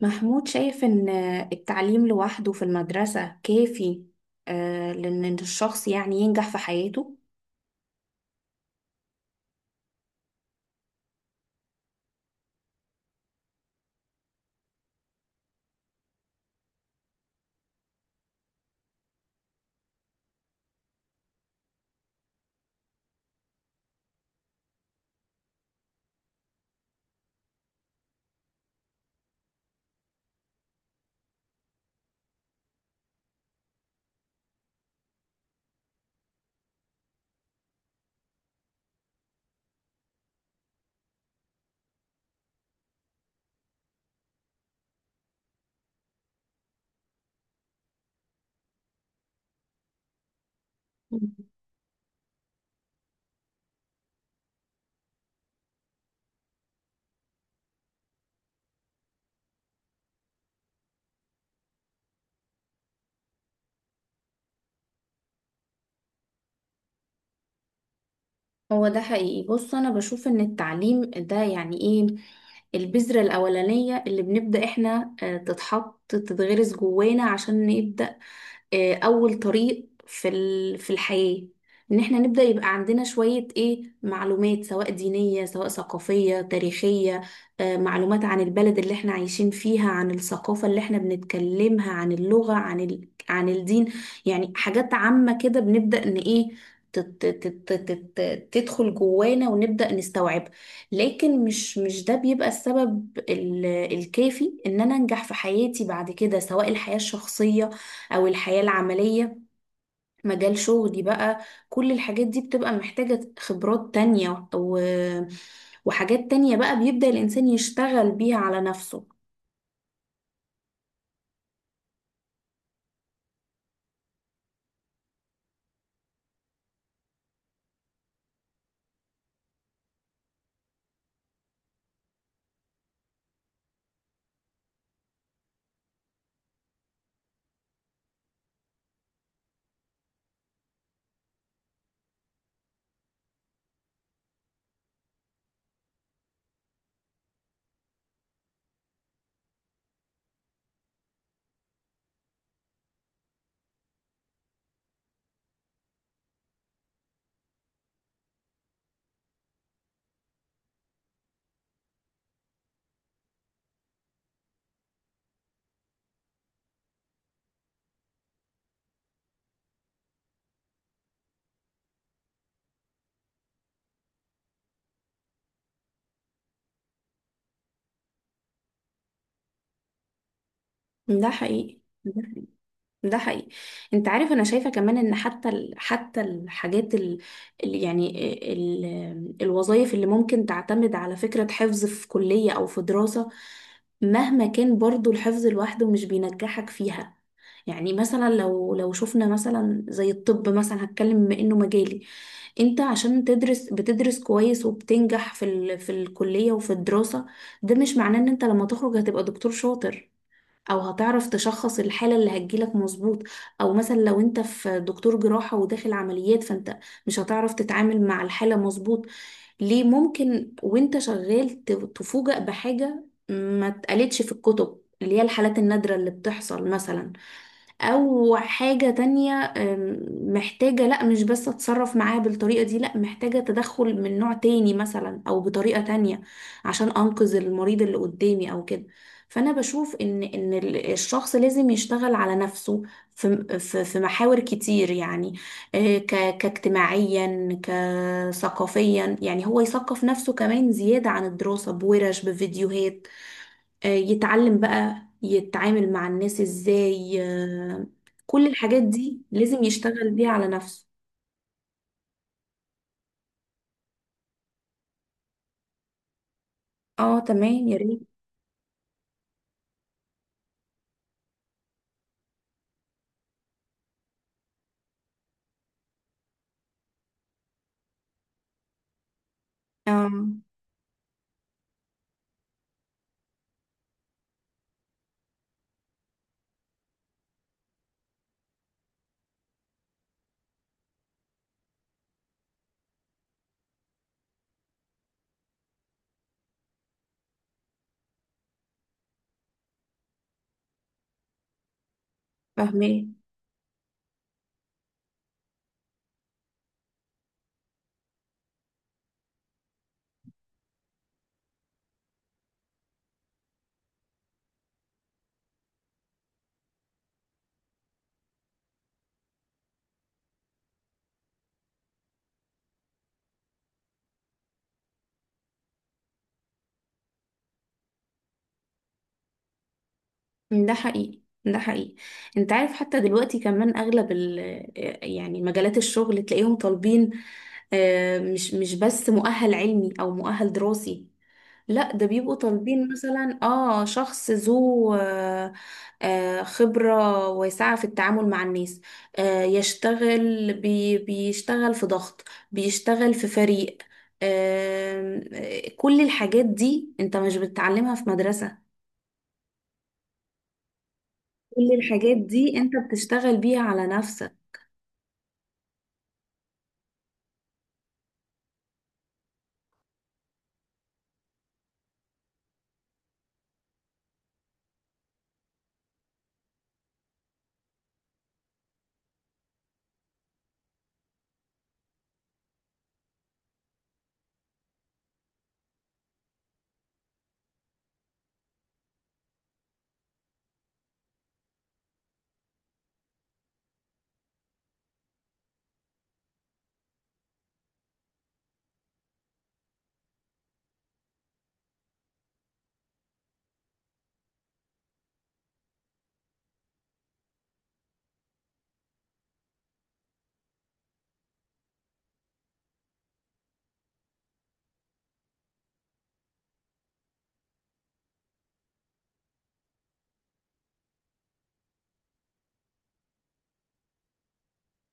محمود شايف إن التعليم لوحده في المدرسة كافي، لأن الشخص يعني ينجح في حياته. هو ده حقيقي. بص، أنا بشوف إن التعليم ده يعني إيه، البذرة الأولانية اللي بنبدأ إحنا تتحط، تتغرس جوانا عشان نبدأ اول طريق في في الحياة. ان احنا نبدأ يبقى عندنا شوية ايه معلومات، سواء دينية سواء ثقافية تاريخية، معلومات عن البلد اللي احنا عايشين فيها، عن الثقافة اللي احنا بنتكلمها، عن اللغة، عن الدين. يعني حاجات عامة كده بنبدأ ان ايه تدخل جوانا ونبدأ نستوعب. لكن مش ده بيبقى السبب الكافي ان انا انجح في حياتي بعد كده، سواء الحياة الشخصية او الحياة العملية، مجال شغلي بقى. كل الحاجات دي بتبقى محتاجة خبرات تانية وحاجات تانية بقى بيبدأ الانسان يشتغل بيها على نفسه. ده حقيقي. ده حقيقي. انت عارف، انا شايفة كمان ان حتى الحاجات ال... ال... يعني ال... الوظائف اللي ممكن تعتمد على فكرة حفظ في كلية او في دراسة، مهما كان برضو الحفظ لوحده مش بينجحك فيها. يعني مثلا لو شفنا مثلا زي الطب مثلا، هتكلم بما انه مجالي، انت عشان تدرس بتدرس كويس وبتنجح في الكلية وفي الدراسة. ده مش معناه ان انت لما تخرج هتبقى دكتور شاطر، او هتعرف تشخص الحالة اللي هتجيلك مظبوط، او مثلا لو انت في دكتور جراحة وداخل عمليات، فانت مش هتعرف تتعامل مع الحالة مظبوط. ليه؟ ممكن وانت شغال تفوجأ بحاجة ما اتقالتش في الكتب، اللي هي الحالات النادرة اللي بتحصل مثلا، او حاجة تانية محتاجة، لا مش بس اتصرف معاه بالطريقة دي، لا محتاجة تدخل من نوع تاني مثلا او بطريقة تانية عشان انقذ المريض اللي قدامي او كده. فانا بشوف ان الشخص لازم يشتغل على نفسه في في محاور كتير، يعني كاجتماعيا، كثقافيا، يعني هو يثقف نفسه كمان زيادة عن الدراسة، بورش، بفيديوهات، يتعلم بقى يتعامل مع الناس ازاي. آه، كل الحاجات دي لازم يشتغل بيها على نفسه. اه، تمام، يا ريت. اه، فاهماه. ده حقيقي. ده حقيقي. انت عارف، حتى دلوقتي كمان اغلب ال آه، يعني مجالات الشغل تلاقيهم طالبين، مش بس مؤهل علمي او مؤهل دراسي، لا ده بيبقوا طالبين مثلا اه شخص ذو خبرة واسعة في التعامل مع الناس، يشتغل بي بيشتغل في ضغط، بيشتغل في فريق، آم، آه، كل الحاجات دي انت مش بتتعلمها في مدرسة، كل الحاجات دي انت بتشتغل بيها على نفسك.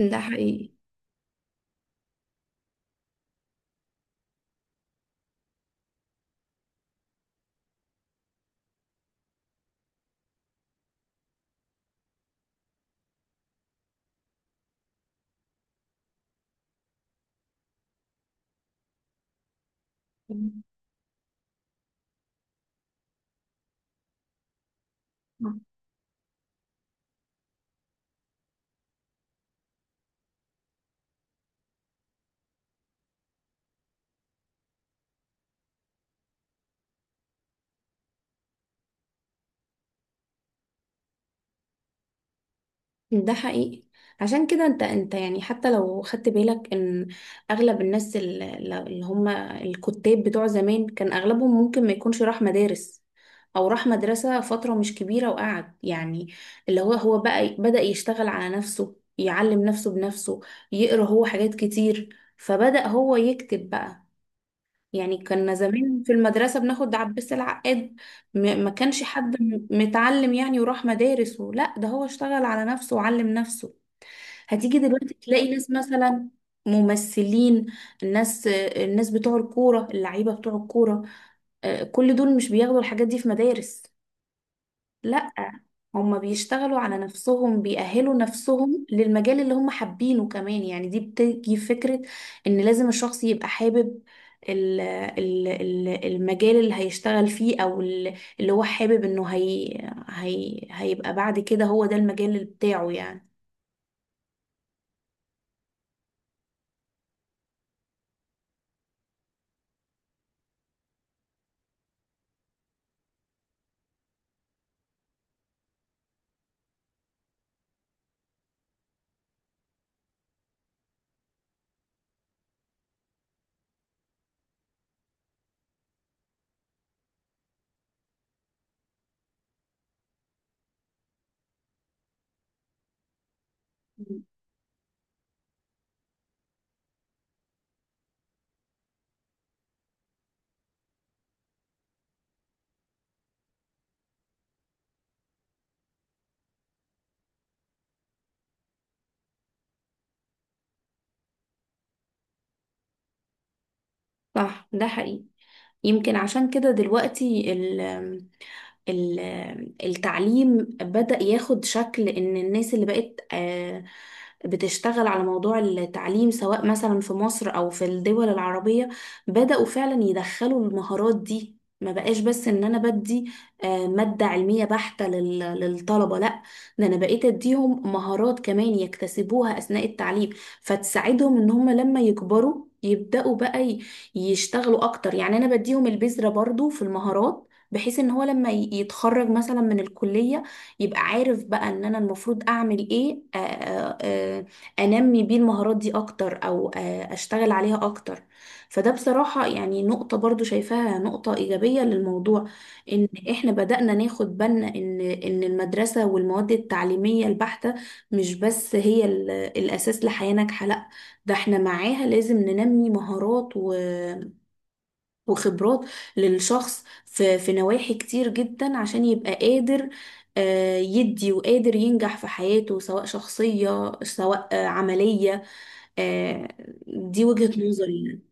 ده حقيقي. ده حقيقي. عشان كده انت، يعني حتى لو خدت بالك ان اغلب الناس اللي هم الكتاب بتوع زمان كان اغلبهم ممكن ما يكونش راح مدارس، او راح مدرسة فترة مش كبيرة وقعد يعني، اللي هو بقى بدأ يشتغل على نفسه، يعلم نفسه بنفسه، يقرأ هو حاجات كتير، فبدأ هو يكتب بقى. يعني كنا زمان في المدرسة بناخد عباس العقاد، ما كانش حد متعلم يعني وراح مدارس، لا ده هو اشتغل على نفسه وعلم نفسه. هتيجي دلوقتي تلاقي ناس مثلا ممثلين، الناس بتوع الكورة، اللعيبة بتوع الكورة، كل دول مش بياخدوا الحاجات دي في مدارس، لأ، هما بيشتغلوا على نفسهم، بيأهلوا نفسهم للمجال اللي هم حابينه. كمان يعني دي بتيجي فكرة إن لازم الشخص يبقى حابب المجال اللي هيشتغل فيه، أو اللي هو حابب إنه هي هي هيبقى بعد كده هو ده المجال اللي بتاعه يعني. مم. صح، ده حقيقي. يمكن عشان كده دلوقتي ال- التعليم بدأ ياخد شكل ان الناس اللي بقت بتشتغل على موضوع التعليم، سواء مثلا في مصر او في الدول العربية، بدأوا فعلا يدخلوا المهارات دي. ما بقاش بس ان انا بدي مادة علمية بحتة للطلبة، لا ده انا بقيت اديهم مهارات كمان يكتسبوها اثناء التعليم، فتساعدهم ان هم لما يكبروا يبدأوا بقى يشتغلوا اكتر. يعني انا بديهم البذرة برضو في المهارات، بحيث ان هو لما يتخرج مثلا من الكلية، يبقى عارف بقى ان انا المفروض اعمل ايه، انمي بيه المهارات دي اكتر، او اشتغل عليها اكتر. فده بصراحة يعني نقطة برضو شايفاها نقطة ايجابية للموضوع، ان احنا بدأنا ناخد بالنا ان المدرسة والمواد التعليمية البحتة مش بس هي الاساس لحياة ناجحة، لا ده احنا معاها لازم ننمي مهارات و وخبرات للشخص في نواحي كتير جدا، عشان يبقى قادر يدي، وقادر ينجح في حياته سواء شخصية سواء عملية. آه، دي وجهة نظري يعني.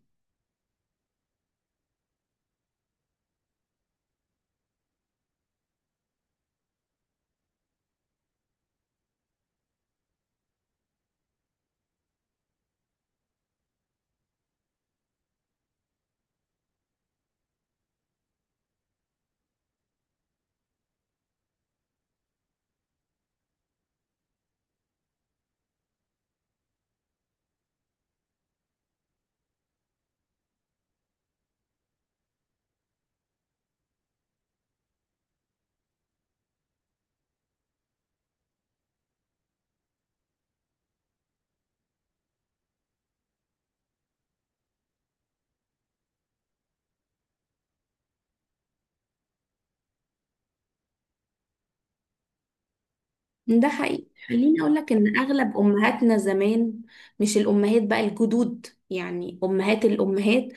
ده حقيقي. خليني اقول لك ان اغلب امهاتنا زمان، مش الامهات بقى، الجدود يعني، امهات الامهات،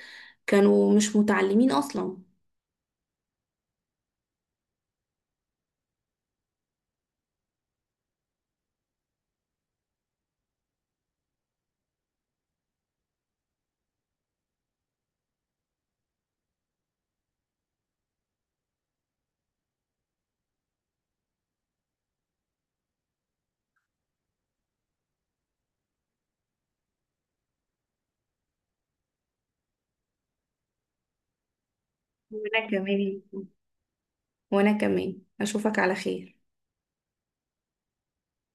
كانوا مش متعلمين اصلا. وانا كمان وانا كمان اشوفك على خير.